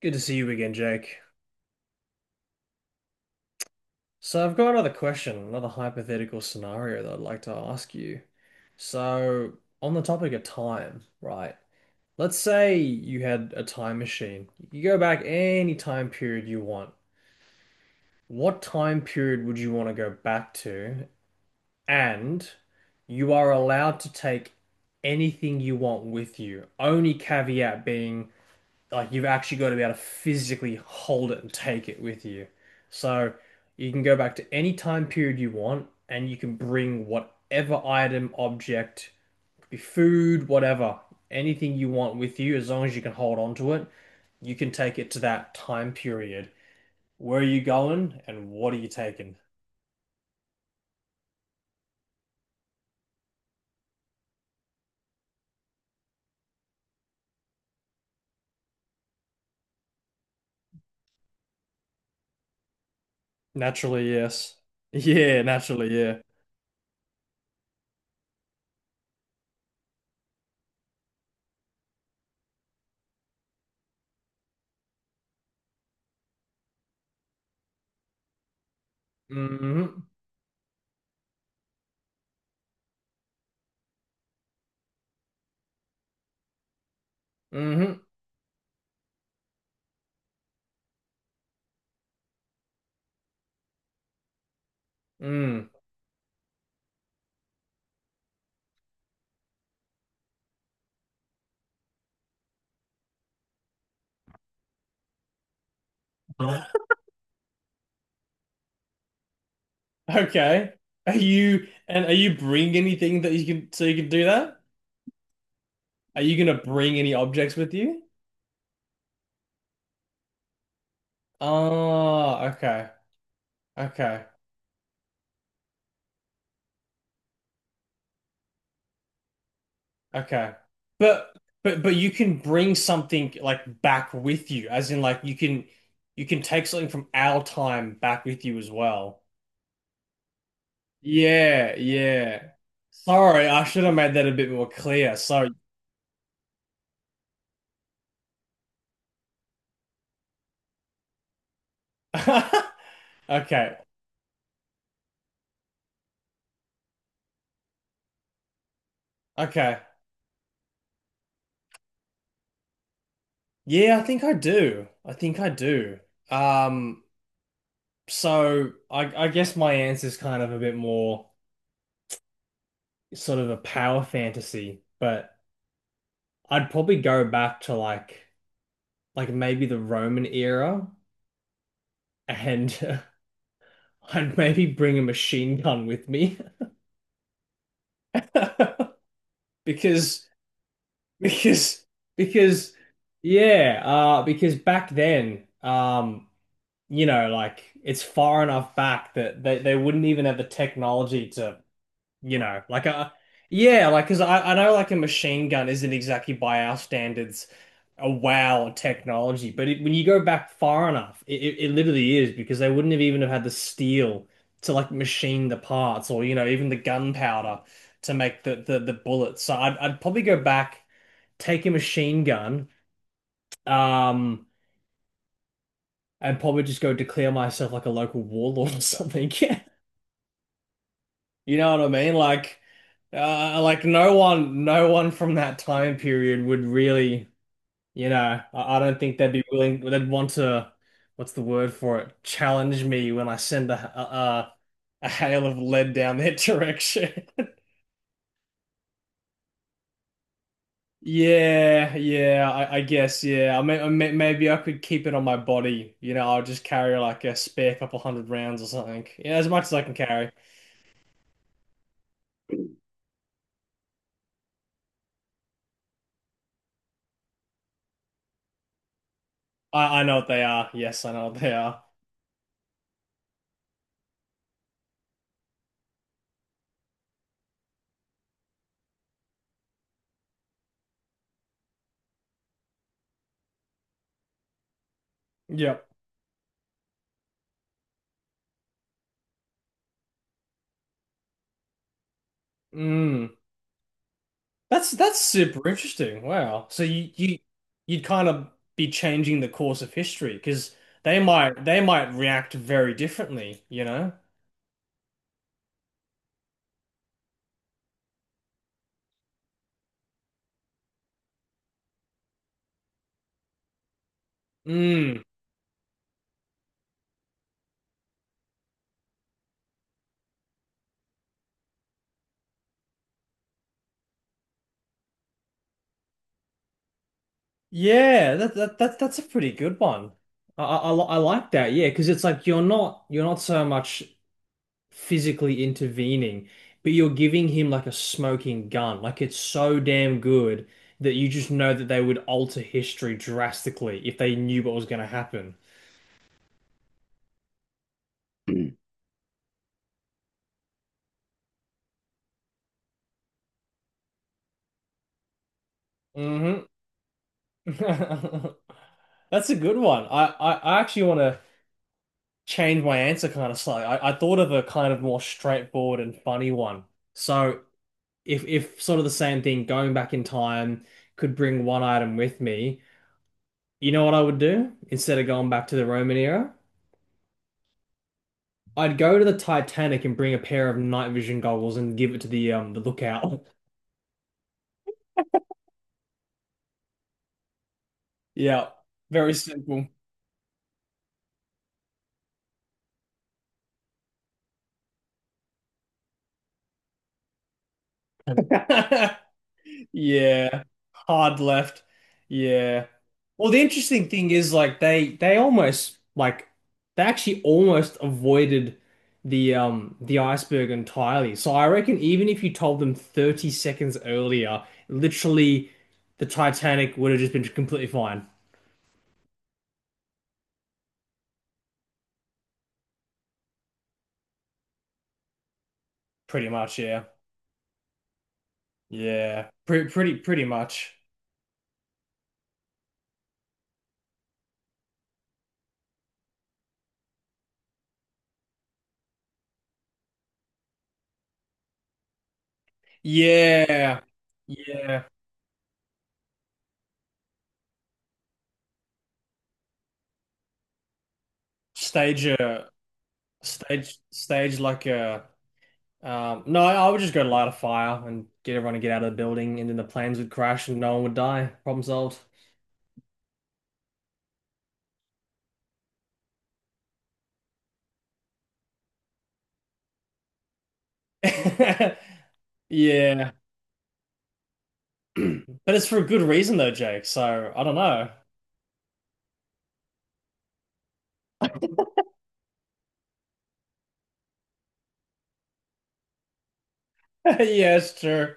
Good to see you again, Jake. So I've got another question, another hypothetical scenario that I'd like to ask you. So on the topic of time, right? Let's say you had a time machine. You could go back any time period you want. What time period would you want to go back to? And you are allowed to take anything you want with you. Only caveat being like you've actually got to be able to physically hold it and take it with you. So you can go back to any time period you want and you can bring whatever item, object, could be food, whatever, anything you want with you as long as you can hold on to it, you can take it to that time period. Where are you going and what are you taking? Naturally, yes. Yeah, naturally, yeah. hmm hmm Mm. Okay. Are you and are you bring anything that you can so you can do that? Are you gonna bring any objects with you? Oh, okay. Okay. Okay. But but you can bring something like back with you, as in like you can take something from our time back with you as well. Yeah, yeah. Sorry, I should have made that a bit more clear. Sorry. Okay. Okay. Yeah, I think I do. I think I do. Um So I guess my answer is kind of a bit more sort of a power fantasy, but I'd probably go back to like maybe the Roman era and I'd maybe bring a machine gun with me because because because yeah because back then you know like it's far enough back that they wouldn't even have the technology to you know, like a yeah, like because I know like a machine gun isn't exactly by our standards a wow technology, but it, when you go back far enough, it literally is because they wouldn't have even have had the steel to like machine the parts or you know even the gunpowder to make the bullets. So I'd probably go back, take a machine gun, um, and probably just go declare myself like a local warlord or something. You know what I mean? Like no one from that time period would really, you know, I don't think they'd be willing, they'd want to, what's the word for it? Challenge me when I send a hail of lead down their direction. Yeah, yeah, I guess, yeah. I mean, maybe I could keep it on my body. You know, I'll just carry like a spare couple hundred rounds or something. Yeah, as much as I can carry. I know what they are. Yes, I know what they are. Yep. Mm. That's super interesting. Wow. So you you'd kind of be changing the course of history because they might react very differently, you know? Mm. Yeah, that that's a pretty good one. I like that. Yeah, because it's like you're not so much physically intervening, but you're giving him like a smoking gun. Like it's so damn good that you just know that they would alter history drastically if they knew what was going to happen. hmm That's a good one. I actually want to change my answer kind of slightly. I thought of a kind of more straightforward and funny one. So if sort of the same thing, going back in time could bring one item with me, you know what I would do instead of going back to the Roman era? I'd go to the Titanic and bring a pair of night vision goggles and give it to the the lookout. Yeah, very simple. Yeah, hard left. Yeah. Well, the interesting thing is like they almost like they actually almost avoided the the iceberg entirely. So I reckon even if you told them 30 seconds earlier, literally the Titanic would have just been completely fine. Pretty much, yeah. Yeah. Pretty much. Yeah. Yeah. Stage a stage stage like a no, I would just go light a fire and get everyone to get out of the building, and then the planes would crash and no one would die. Problem solved. Yeah. But it's for a good reason, though, Jake. So I don't know. Yeah, it's true.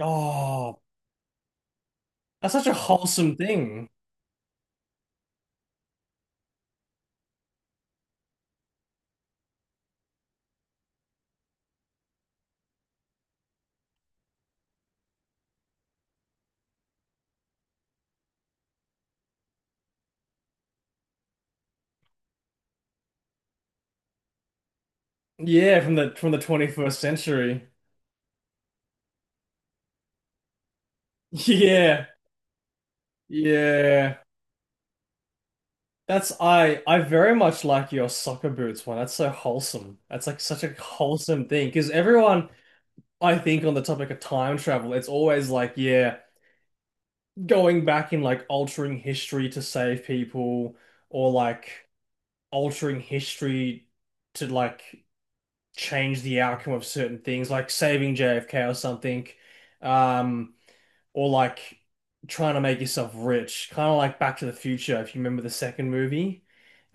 Oh, that's such a wholesome thing. Yeah, from the 21st century. Yeah, yeah. That's I very much like your soccer boots one. That's so wholesome. That's like such a wholesome thing because everyone I think on the topic of time travel, it's always like, yeah, going back and like altering history to save people or like altering history to like change the outcome of certain things, like saving JFK or something, um, or like trying to make yourself rich, kind of like Back to the Future, if you remember the second movie.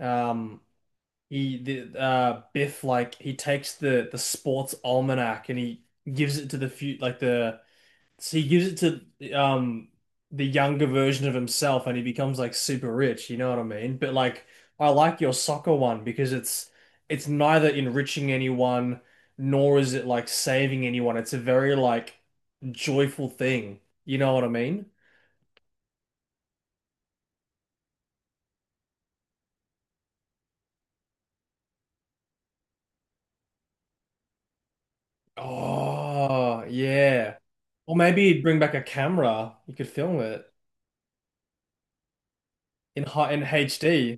Um, he takes the sports almanac and he gives it to the few like the so he gives it to the younger version of himself and he becomes like super rich, you know what I mean? But like I like your soccer one because it's neither enriching anyone nor is it like saving anyone. It's a very like joyful thing. You know what I mean? Oh, yeah. Or maybe he'd bring back a camera. You could film it in high in HD.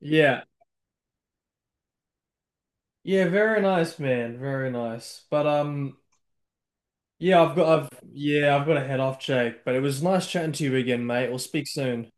Yeah. Yeah, very nice, man. Very nice. But yeah, I've got to head off, Jake, but it was nice chatting to you again, mate. We'll speak soon.